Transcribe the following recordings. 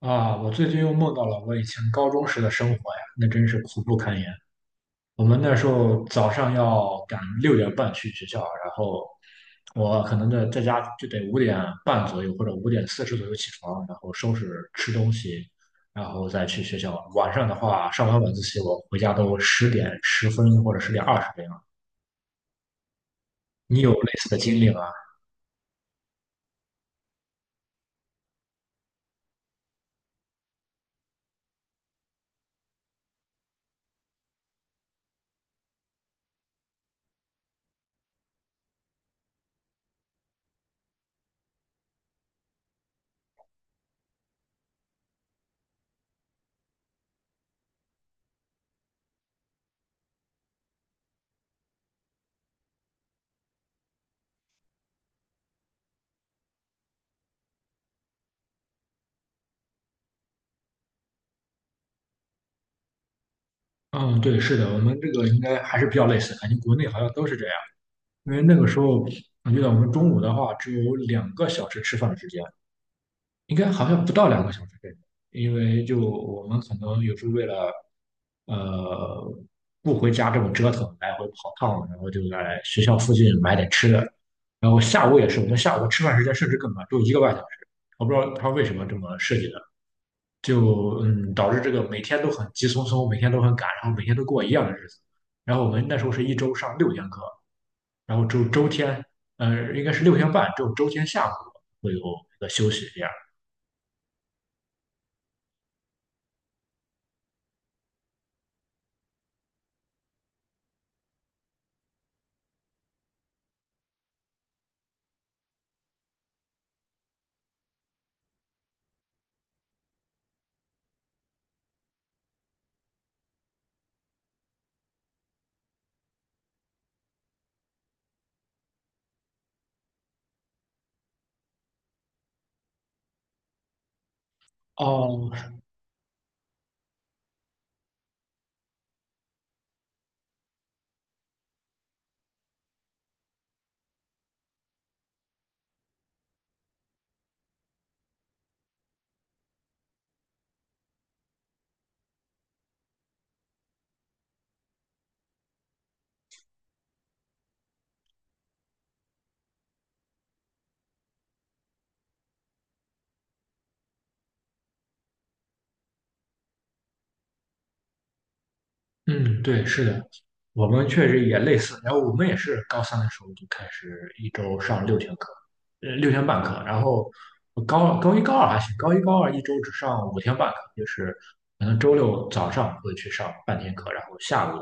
啊，我最近又梦到了我以前高中时的生活呀，那真是苦不堪言。我们那时候早上要赶6点半去学校，然后我可能在家就得5点半左右或者5点40左右起床，然后收拾吃东西，然后再去学校。晚上的话，上完晚自习我回家都10点10分或者10点20这样。你有类似的经历吗？嗯，对，是的，我们这个应该还是比较类似，感觉国内好像都是这样。因为那个时候我记得我们中午的话只有两个小时吃饭时间，应该好像不到两个小时这种，因为就我们可能有时候为了呃不回家这么折腾，来回跑趟，然后就在学校附近买点吃的，然后下午也是，我们下午吃饭时间甚至更短，只有1个半小时，我不知道他为什么这么设计的，就导致这个每天都很急匆匆，每天都很赶，然后每天都过一样的日子，然后我们那时候是一周上六天课。然后周周天，呃，应该是六天半，只有周天下午会有一个休息这样。哦，嗯，对，是的，我们确实也类似。然后我们也是高三的时候就开始一周上六天课，六天半课。然后我高一高二还行，高一高二一周只上5天半课，就是可能周六早上会去上半天课，然后下午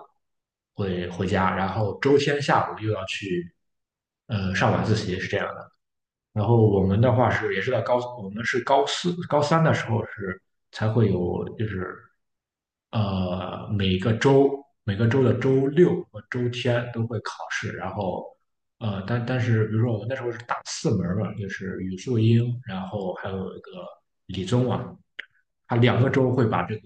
会回家，然后周天下午又要去上晚自习，是这样的。然后我们的话是也是在高，我们是高三的时候是才会有，就是每个周的周六和周天都会考试，然后但是比如说我们那时候是打4门嘛，就是语数英，然后还有一个理综啊，他两个周会把这个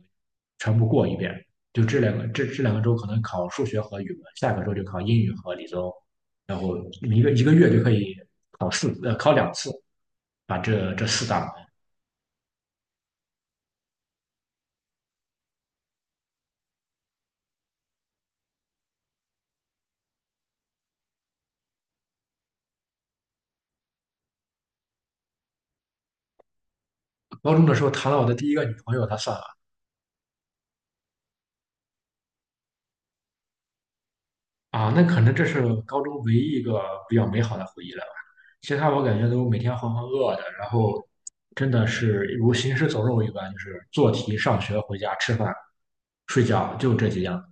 全部过一遍，就这两个周可能考数学和语文，下个周就考英语和理综。然后一个月就可以考2次，把这4大门高中的时候谈了我的第一个女朋友，她算了啊，那可能这是高中唯一一个比较美好的回忆了吧。其他我感觉都每天浑浑噩噩的，然后真的是如行尸走肉一般，就是做题、上学、回家、吃饭、睡觉，就这几样。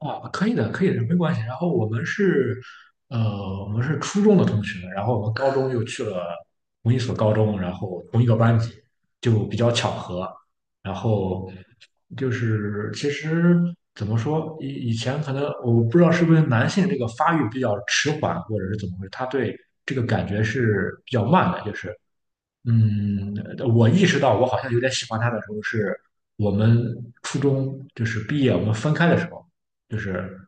啊，可以的，可以的，没关系。然后我们是初中的同学，然后我们高中又去了同一所高中，然后同一个班级，就比较巧合。然后就是其实怎么说，以前可能我不知道是不是男性这个发育比较迟缓，或者是怎么回事，他对这个感觉是比较慢的，就是嗯，我意识到我好像有点喜欢他的时候，是我们初中就是毕业我们分开的时候，就是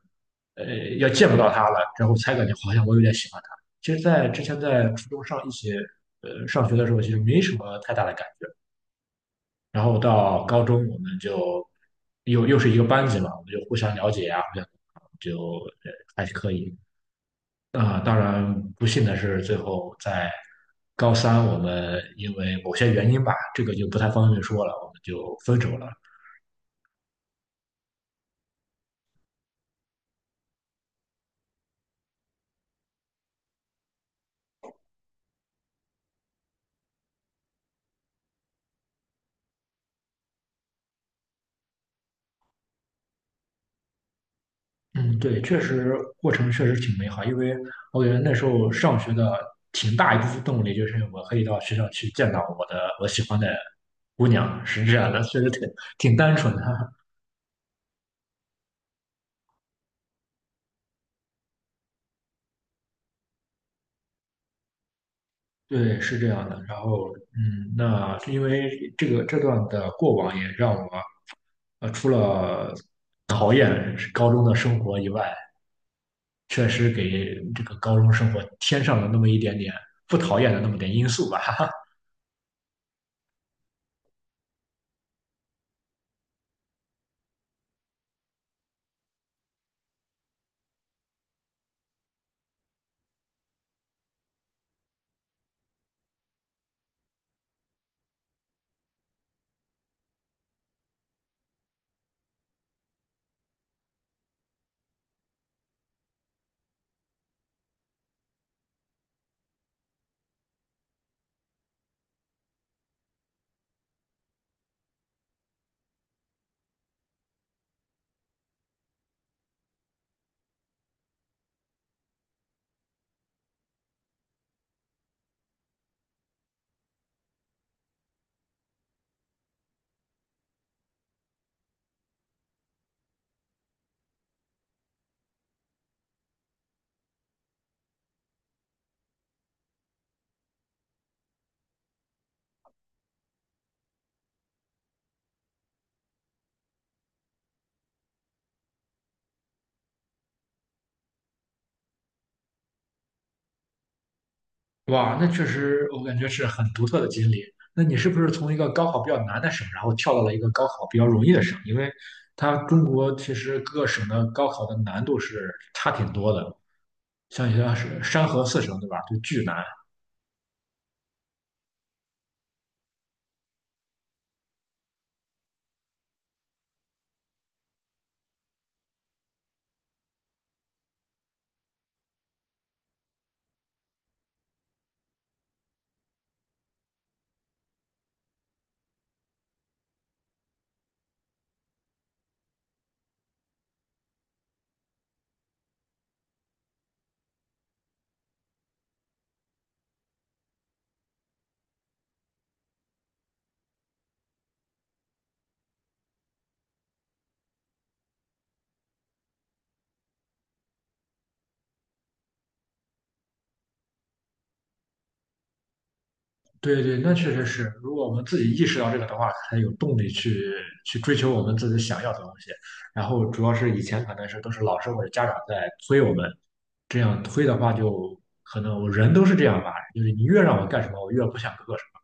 呃要见不到他了，然后才感觉好像我有点喜欢他。其实，在之前在初中一起上学的时候，其实没什么太大的感觉。然后到高中，我们就又是一个班级嘛，我们就互相了解啊，互相就还是可以。啊、当然不幸的是，最后在高三，我们因为某些原因吧，这个就不太方便说了，我们就分手了。嗯，对，确实过程确实挺美好，因为我觉得那时候上学的挺大一部分动力就是我可以到学校去见到我喜欢的姑娘，是这样的，确实挺单纯的。对，是这样的。然后，那是因为这段的过往也让我，除了讨厌高中的生活以外，确实给这个高中生活添上了那么一点点不讨厌的那么点因素吧。哇，那确实我感觉是很独特的经历。那你是不是从一个高考比较难的省，然后跳到了一个高考比较容易的省？因为它中国其实各个省的高考的难度是差挺多的，像有些是山河四省，对吧？就巨难。对对，那确实是。如果我们自己意识到这个的话，才有动力去追求我们自己想要的东西。然后主要是以前可能是都是老师或者家长在催我们，这样推的话就可能我人都是这样吧，就是你越让我干什么，我越不想做什么。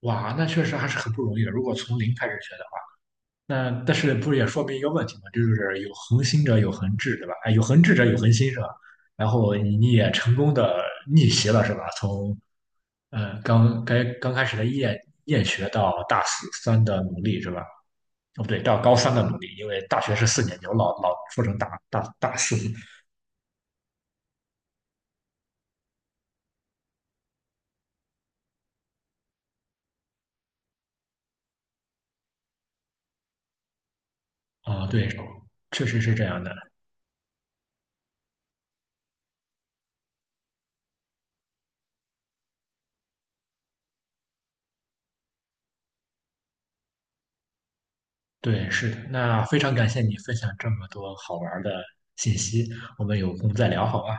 哇，那确实还是很不容易的。如果从零开始学的话，那但是不是也说明一个问题吗？就是有恒心者有恒志，对吧？哎，有恒志者有恒心是吧？然后你也成功的逆袭了是吧？从刚开始的厌学到大四三的努力是吧？哦，不对，到高三的努力，因为大学是4年级，我老说成大四啊，对，确实是这样的。对，是的。那非常感谢你分享这么多好玩儿的信息，我们有空再聊好吗？